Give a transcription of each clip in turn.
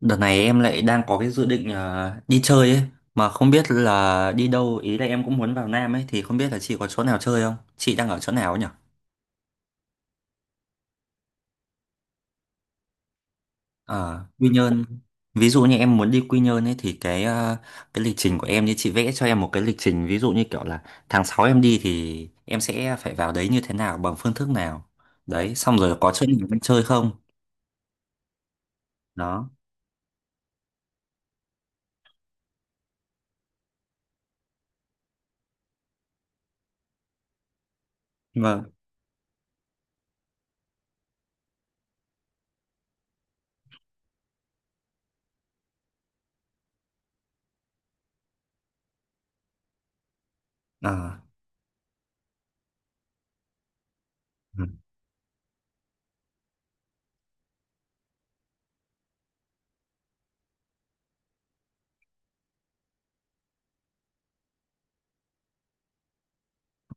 Đợt này em lại đang có cái dự định đi chơi ấy, mà không biết là đi đâu. Ý là em cũng muốn vào Nam ấy, thì không biết là chị có chỗ nào chơi không? Chị đang ở chỗ nào ấy nhỉ? Ờ, Quy Nhơn. Ví dụ như em muốn đi Quy Nhơn ấy thì cái cái lịch trình của em, như chị vẽ cho em một cái lịch trình ví dụ như kiểu là tháng 6 em đi thì em sẽ phải vào đấy như thế nào, bằng phương thức nào. Đấy, xong rồi có chỗ nào mình chơi không? Đó. Vâng. Ờ. Ừ.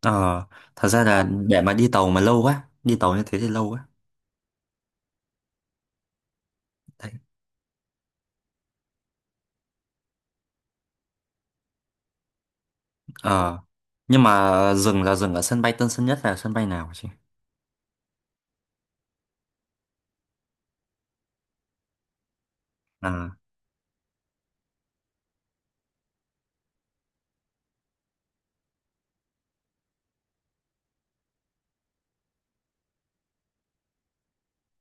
Ờ, thật ra là để mà đi tàu mà lâu quá, đi tàu như thế thì lâu quá. Ờ, nhưng mà dừng là dừng ở sân bay Tân Sơn Nhất, là sân bay nào chị? À,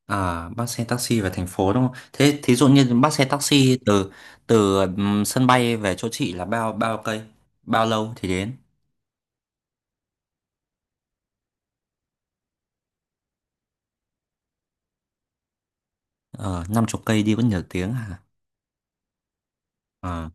à, bắt xe taxi về thành phố đúng không? Thế thí dụ như bắt xe taxi từ từ sân bay về chỗ chị là bao bao cây? Bao lâu thì đến? Ờ, năm chục cây đi có nhiều tiếng à? Ờ,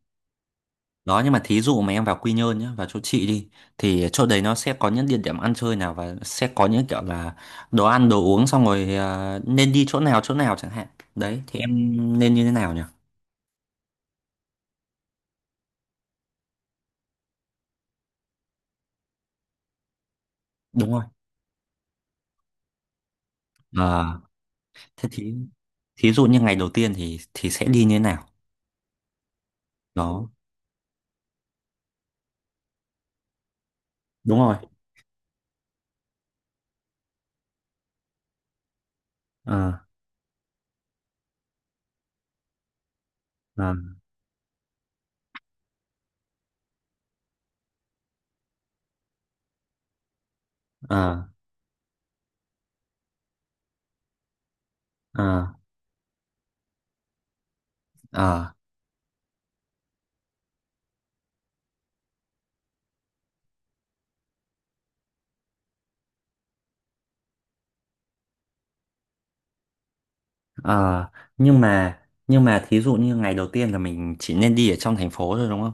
đó nhưng mà thí dụ mà em vào Quy Nhơn nhá, vào chỗ chị đi, thì chỗ đấy nó sẽ có những địa điểm ăn chơi nào, và sẽ có những kiểu là đồ ăn đồ uống, xong rồi nên đi chỗ nào chẳng hạn. Đấy thì em nên như thế nào nhỉ? Đúng rồi. Ờ. Thế thì thí dụ như ngày đầu tiên thì sẽ đi như thế nào? Đó, đúng rồi. Ờ, ờ, ờ, ờ, ờ, ờ. Nhưng mà thí dụ như ngày đầu tiên là mình chỉ nên đi ở trong thành phố thôi đúng không?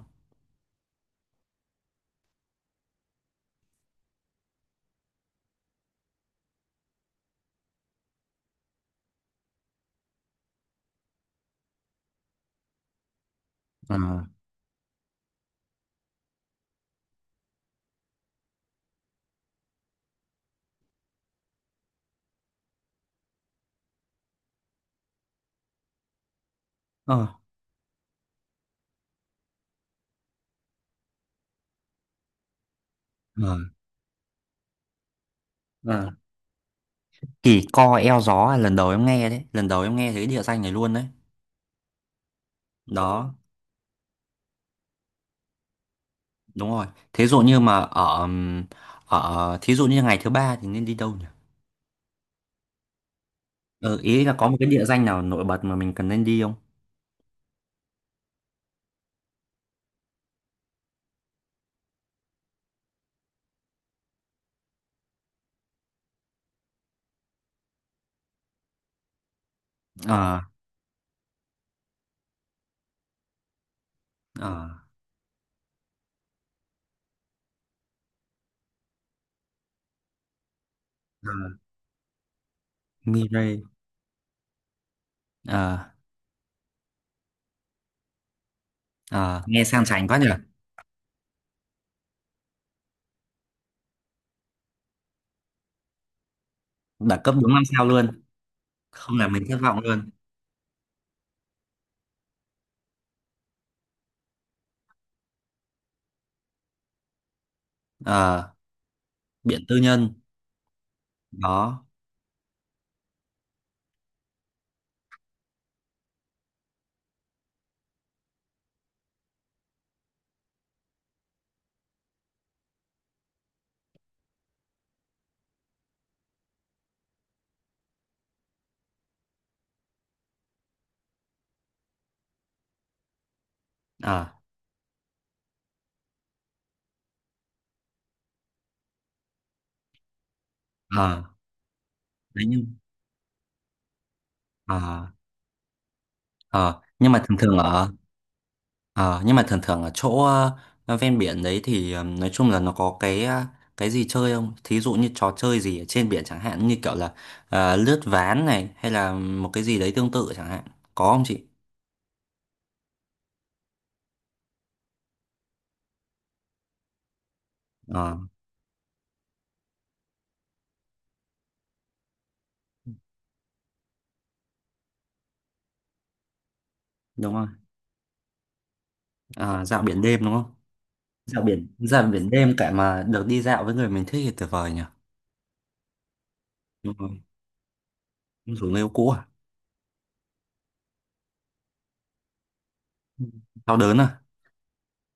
Ờ, ờ, ờ, ờ. Kỳ co eo gió là lần đầu em nghe đấy, lần đầu em nghe thấy địa danh này luôn đấy. Đó, đúng rồi. Thí dụ như mà ở ở thí dụ như ngày thứ ba thì nên đi đâu nhỉ? Ờ, ý là có một cái địa danh nào nổi bật mà mình cần nên đi không? Ờ, ờ. Ờ. Mirai. Ờ, ờ, nghe sang chảnh quá nhỉ. Đẳng cấp đúng năm sao luôn. Không là mình thất vọng luôn. Ờ, biện tư nhân. Đó. Ờ, ờ, đấy nhưng ờ, ờ, nhưng mà thường thường ở ờ, nhưng mà thường thường ở chỗ ven biển đấy thì, nói chung là nó có cái cái gì chơi không, thí dụ như trò chơi gì ở trên biển chẳng hạn, như kiểu là lướt ván này, hay là một cái gì đấy tương tự chẳng hạn, có không chị? Ờ, đúng rồi. Ờ, dạo biển đêm đúng không? Dạo biển, dạo biển đêm cả mà được đi dạo với người mình thích thì tuyệt vời nhỉ. Đúng rồi. Không xuống yêu cũ à? Ừ. Đau đớn à?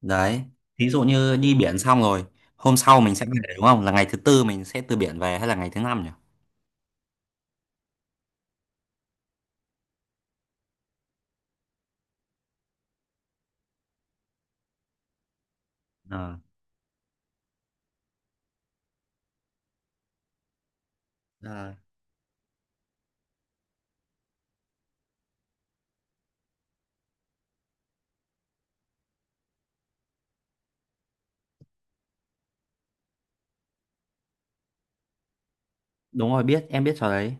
Đấy. Thí dụ như đi biển xong rồi, hôm sau mình sẽ về đúng không? Là ngày thứ tư mình sẽ từ biển về hay là ngày thứ năm nhỉ? Ờ. Ờ. Đúng rồi, biết, em biết trò đấy.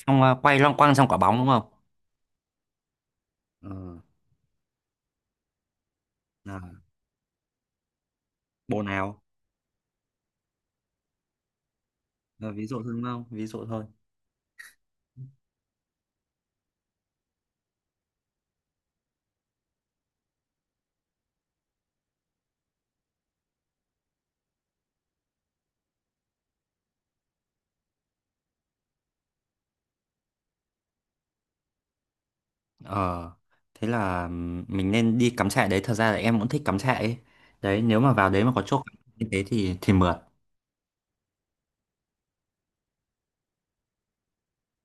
Xong à, quay loanh quanh trong quả bóng đúng không? Ờ. Ờ. Bộ nào? Ờ, ví dụ thôi đúng không? Ví dụ thôi. Ờ, thế là mình nên đi cắm trại đấy. Thật ra là em cũng thích cắm trại ấy. Đấy, nếu mà vào đấy mà có chỗ cắm trại như thế thì mượt.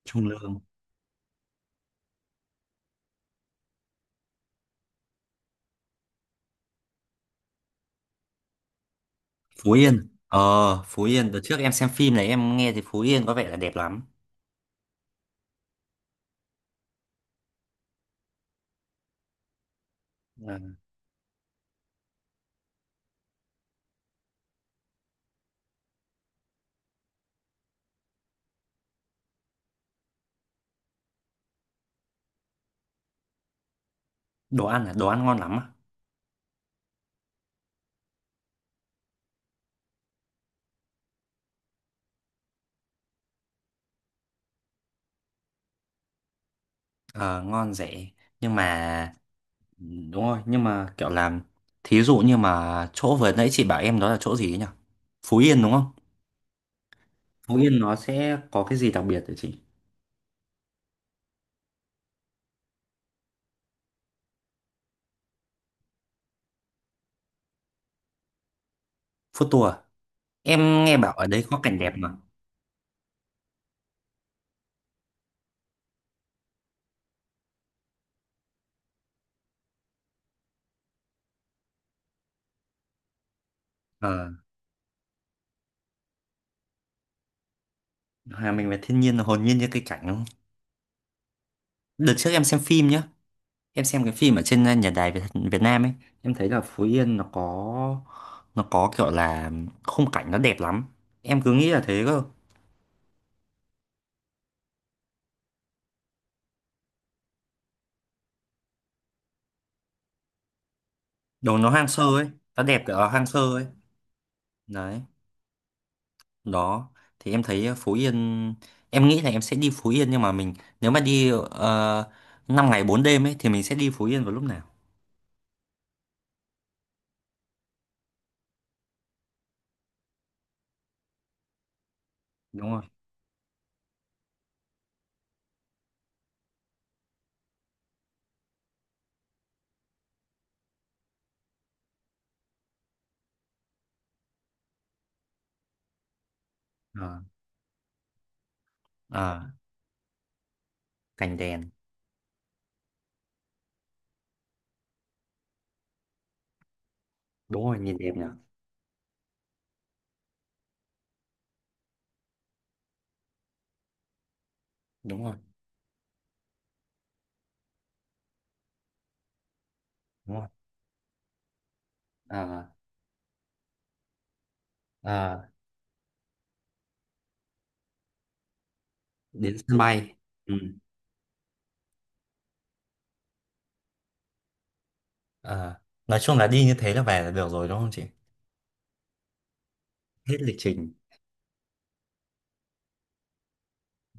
Trung Lương. Phú Yên. Ờ, Phú Yên đợt trước em xem phim này, em nghe thì Phú Yên có vẻ là đẹp lắm. Ờ, đồ ăn là đồ ăn ngon lắm á. Ờ, ngon rẻ nhưng mà, ừ, đúng rồi nhưng mà kiểu làm, thí dụ như mà chỗ vừa nãy chị bảo em đó là chỗ gì ấy nhỉ? Phú Yên đúng không? Phú Yên nó sẽ có cái gì đặc biệt hả chị? Food tour à? Em nghe bảo ở đấy có cảnh đẹp mà. Ờ, hòa mình về thiên nhiên là hồn nhiên như cây cảnh đúng không? Đợt trước em xem phim nhá, em xem cái phim ở trên nhà đài Việt, Việt Nam ấy, em thấy là Phú Yên nó có, nó có kiểu là khung cảnh nó đẹp lắm. Em cứ nghĩ là thế cơ. Đồ nó hoang sơ ấy, nó đẹp kiểu là hoang sơ ấy. Đấy. Đó. Thì em thấy Phú Yên, em nghĩ là em sẽ đi Phú Yên nhưng mà mình, nếu mà đi 5 ngày 4 đêm ấy thì mình sẽ đi Phú Yên vào lúc nào? Đúng rồi. Ờ, ờ, cảnh đèn. Đúng rồi nhìn đẹp nhỉ. Đúng rồi đúng rồi. Ờ, ờ, đến sân bay. Ừ. À, nói chung là đi như thế là về là được rồi đúng không chị? Hết lịch trình.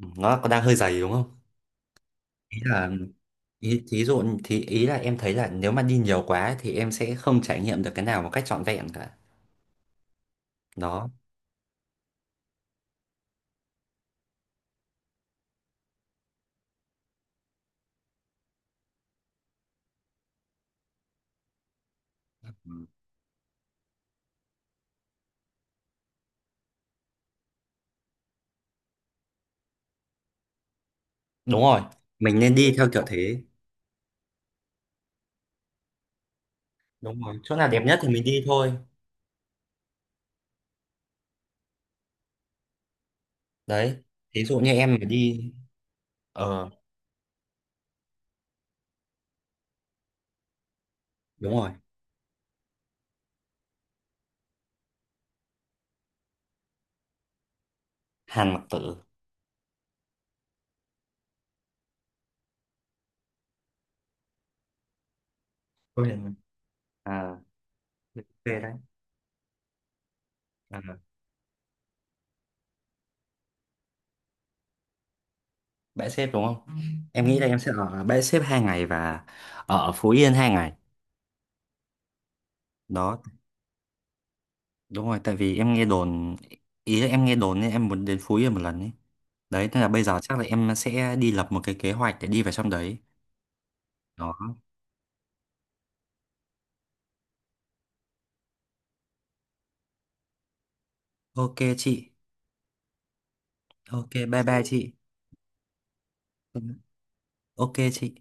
Ừ, nó có đang hơi dày đúng không? Ý là, ý, thí dụ thì ý là em thấy là nếu mà đi nhiều quá thì em sẽ không trải nghiệm được cái nào một cách trọn vẹn cả. Đó. Ừ. Đúng rồi. Mình nên đi theo kiểu thế. Đúng rồi. Chỗ nào đẹp nhất thì mình đi thôi. Đấy. Thí dụ như em mà đi, ờ đúng rồi. Hàn Mặc Tử. Ôi, à, về đấy. À, bãi xếp đúng không? Ừ. Em nghĩ là em sẽ ở bãi xếp 2 ngày và ở Phú Yên 2 ngày. Đó. Đúng rồi, tại vì em nghe đồn, ý là em nghe đồn nên em muốn đến Phú Yên một lần ấy. Đấy, thế là bây giờ chắc là em sẽ đi lập một cái kế hoạch để đi vào trong đấy. Đó. Ok chị. Ok, bye bye chị. Ừ, ok chị.